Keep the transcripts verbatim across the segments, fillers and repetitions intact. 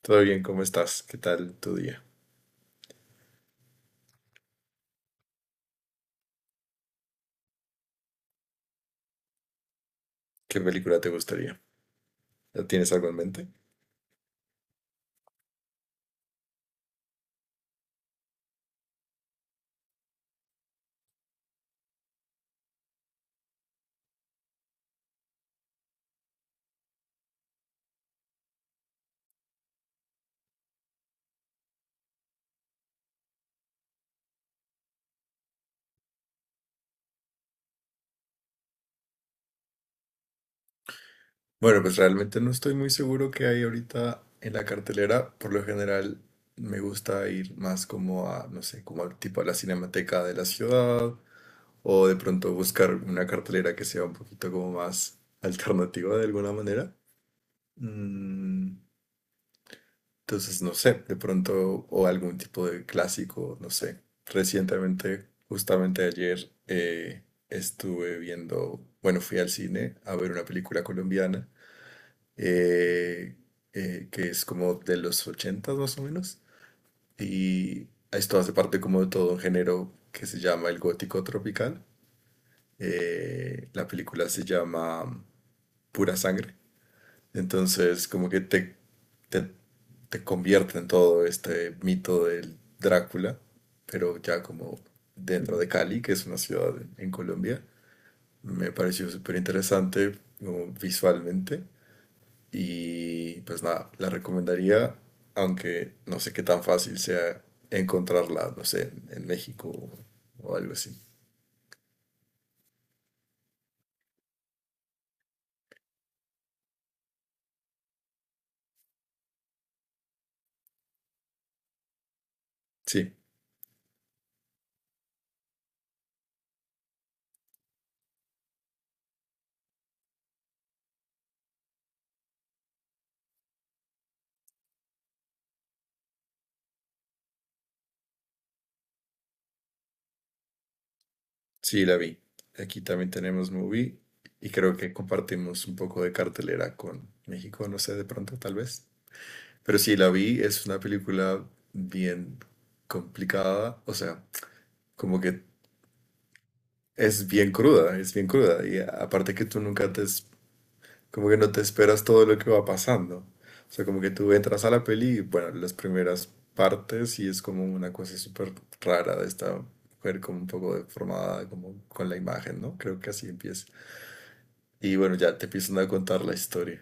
Todo bien, ¿cómo estás? ¿Qué tal tu día? ¿Qué película te gustaría? ¿Ya tienes algo en mente? Bueno, pues realmente no estoy muy seguro qué hay ahorita en la cartelera. Por lo general me gusta ir más como a, no sé, como al tipo a la cinemateca de la ciudad o de pronto buscar una cartelera que sea un poquito como más alternativa de alguna manera. Mm, Entonces, no sé, de pronto, o algún tipo de clásico, no sé. Recientemente, justamente ayer, eh, estuve viendo, bueno, fui al cine a ver una película colombiana, eh, eh, que es como de los ochentas más o menos, y esto hace parte como de todo un género que se llama el gótico tropical. Eh, la película se llama Pura Sangre. Entonces, como que te, te, te convierte en todo este mito del Drácula, pero ya como dentro de Cali, que es una ciudad en, en Colombia. Me pareció súper interesante como visualmente y pues nada, la recomendaría, aunque no sé qué tan fácil sea encontrarla, no sé, en en México o algo así. Sí. Sí, la vi. Aquí también tenemos Movie, y creo que compartimos un poco de cartelera con México, no sé, de pronto, tal vez. Pero sí, la vi, es una película bien complicada, o sea, como que es bien cruda, es bien cruda. Y aparte que tú nunca te, es- como que no te esperas todo lo que va pasando. O sea, como que tú entras a la peli y, bueno, las primeras partes y es como una cosa súper rara de esta mujer, como un poco deformada, como con la imagen, ¿no? Creo que así empieza. Y bueno, ya te empiezan a contar la historia.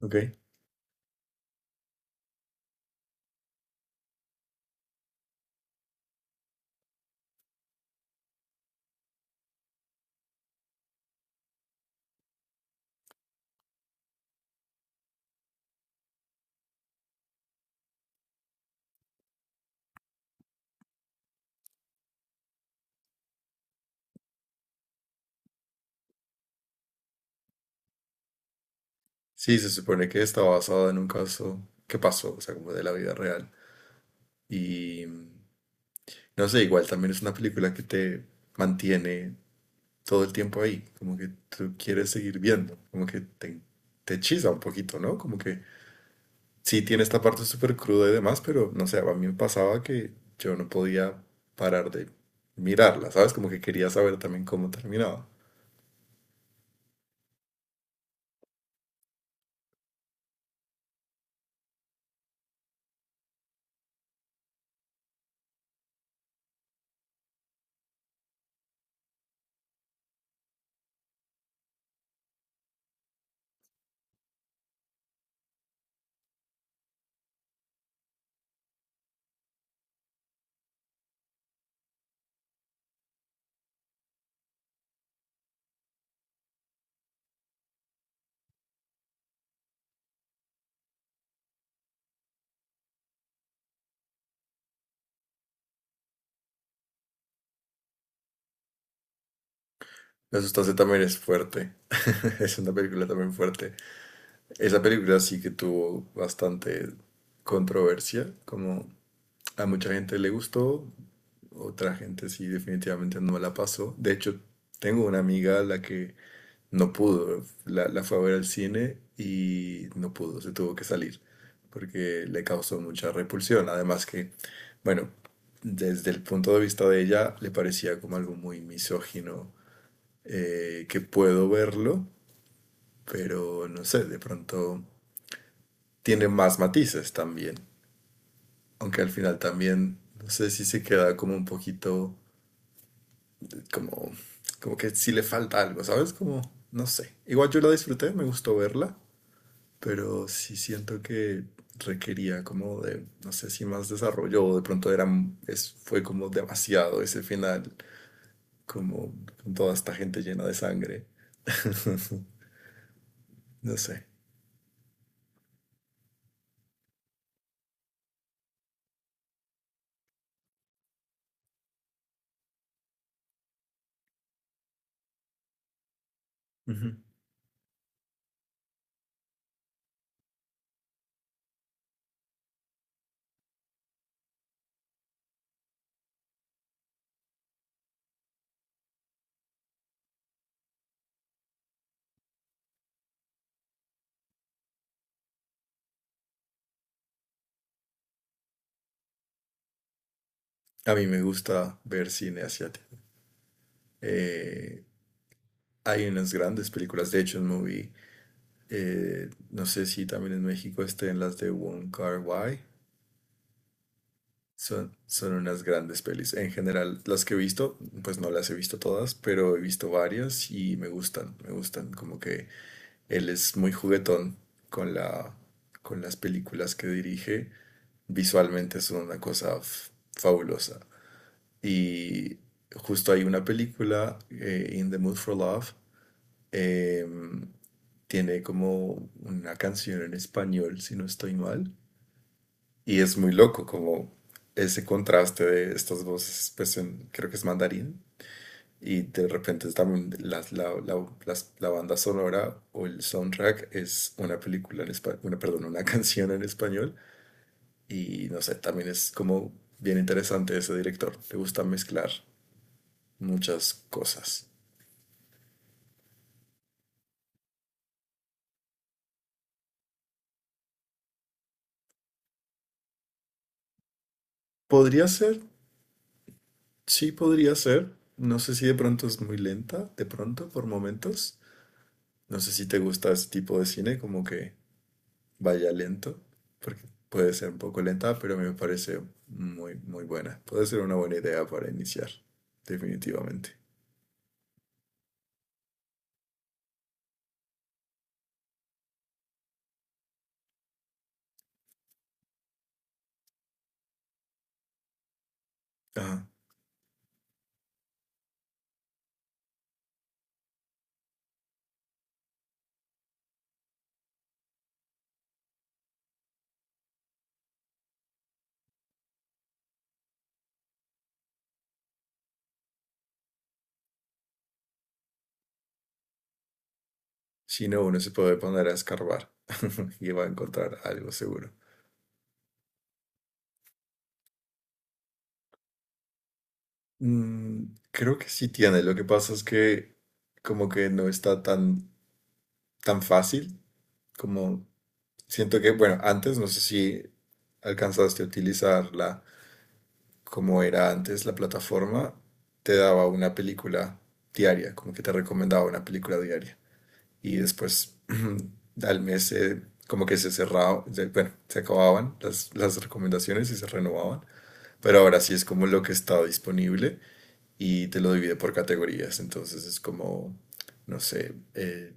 ¿Ok? Sí, se supone que está basada en un caso que pasó, o sea, como de la vida real. Y mm, no sé, igual también es una película que te mantiene todo el tiempo ahí, como que tú quieres seguir viendo, como que te, te hechiza un poquito, ¿no? Como que sí tiene esta parte súper cruda y demás, pero no sé, a mí me pasaba que yo no podía parar de mirarla, ¿sabes? Como que quería saber también cómo terminaba. La sustancia también es fuerte. Es una película también fuerte. Esa película sí que tuvo bastante controversia, como a mucha gente le gustó, otra gente sí definitivamente no la pasó. De hecho, tengo una amiga a la que no pudo, la, la fue a ver al cine y no pudo, se tuvo que salir porque le causó mucha repulsión. Además que, bueno, desde el punto de vista de ella, le parecía como algo muy misógino, eh, que puedo verlo, pero no sé, de pronto tiene más matices también, aunque al final también, no sé si se queda como un poquito, como, como que si le falta algo, ¿sabes? Como, no sé. Igual yo la disfruté, me gustó verla, pero sí siento que requería como de, no sé si más desarrollo o de pronto era, es, fue como demasiado ese final, como con toda esta gente llena de sangre. No sé. Ujú. A mí me gusta ver cine asiático. Eh, Hay unas grandes películas, de hecho, en Movie, eh, no sé si también en México estén las de Wong Kar-wai. Son, son unas grandes pelis. En general, las que he visto, pues no las he visto todas, pero he visto varias y me gustan, me gustan. Como que él es muy juguetón con la, con las películas que dirige. Visualmente son una cosa f- fabulosa. Y justo hay una película, eh, In the Mood for Love, eh, tiene como una canción en español, si no estoy mal. Y es muy loco, como ese contraste de estas voces, pues en- creo que es mandarín. Y de repente es también la, la, la- las- la banda sonora o el soundtrack es una película en español, una, perdón, una canción en español. Y no sé, también es como bien interesante ese director. Le gusta mezclar muchas cosas. Podría ser, sí podría ser. No sé si de pronto es muy lenta, de pronto, por momentos. No sé si te gusta ese tipo de cine, como que vaya lento, porque puede ser un poco lenta, pero me parece muy, muy buena. Puede ser una buena idea para iniciar, definitivamente. Ajá. Si no, uno se puede poner a escarbar y va a encontrar algo seguro. Mm, creo que sí tiene. Lo que pasa es que como que no está tan, tan fácil como. Siento que, bueno, antes no sé si alcanzaste a utilizarla como era antes la plataforma, te daba una película diaria, como que te recomendaba una película diaria. Y después al mes eh, como que se cerraba, se- bueno, se acababan las, las recomendaciones y se renovaban. Pero ahora sí es como lo que está disponible y te lo divide por categorías. Entonces es como, no sé, eh,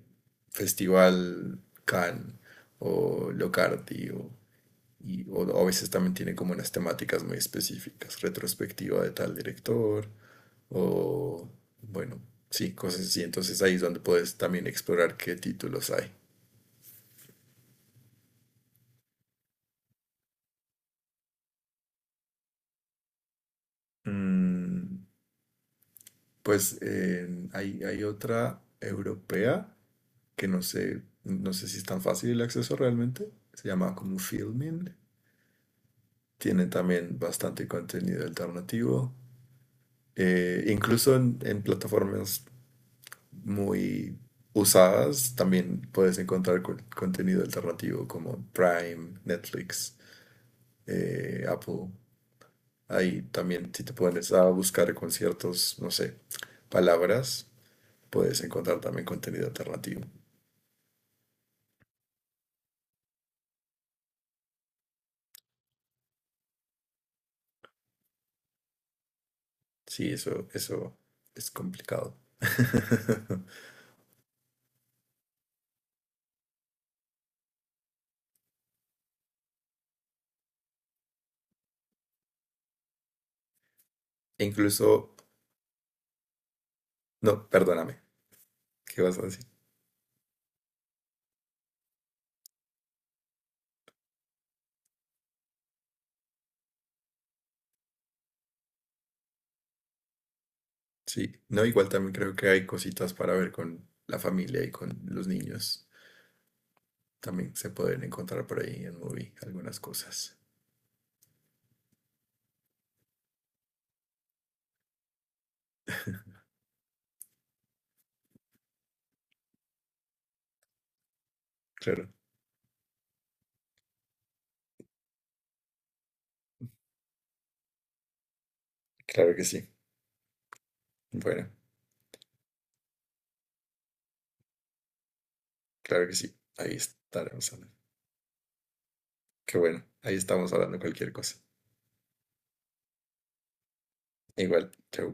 Festival Cannes o Locardi o y o, o a veces también tiene como unas temáticas muy específicas, retrospectiva de tal director, o bueno, sí, cosas así. Entonces ahí es donde puedes también explorar qué títulos hay. Mm, pues eh, hay, hay otra europea que no sé, no sé, si es tan fácil el acceso realmente. Se llama como Filmin. Tiene también bastante contenido alternativo. Eh, incluso en, en plataformas muy usadas, también puedes encontrar co- contenido alternativo como Prime, Netflix, eh, Apple. Ahí también, si te pones a buscar conciertos, no sé, palabras, puedes encontrar también contenido alternativo. Sí, eso, eso es complicado. E incluso, no, perdóname, ¿qué vas a decir? Sí, no, igual también creo que hay cositas para ver con la familia y con los niños. También se pueden encontrar por ahí en Movie algunas cosas. Claro, claro que sí. Bueno, claro que sí. Ahí estaremos hablando. Qué bueno. Ahí estamos hablando cualquier cosa. Igual, chau.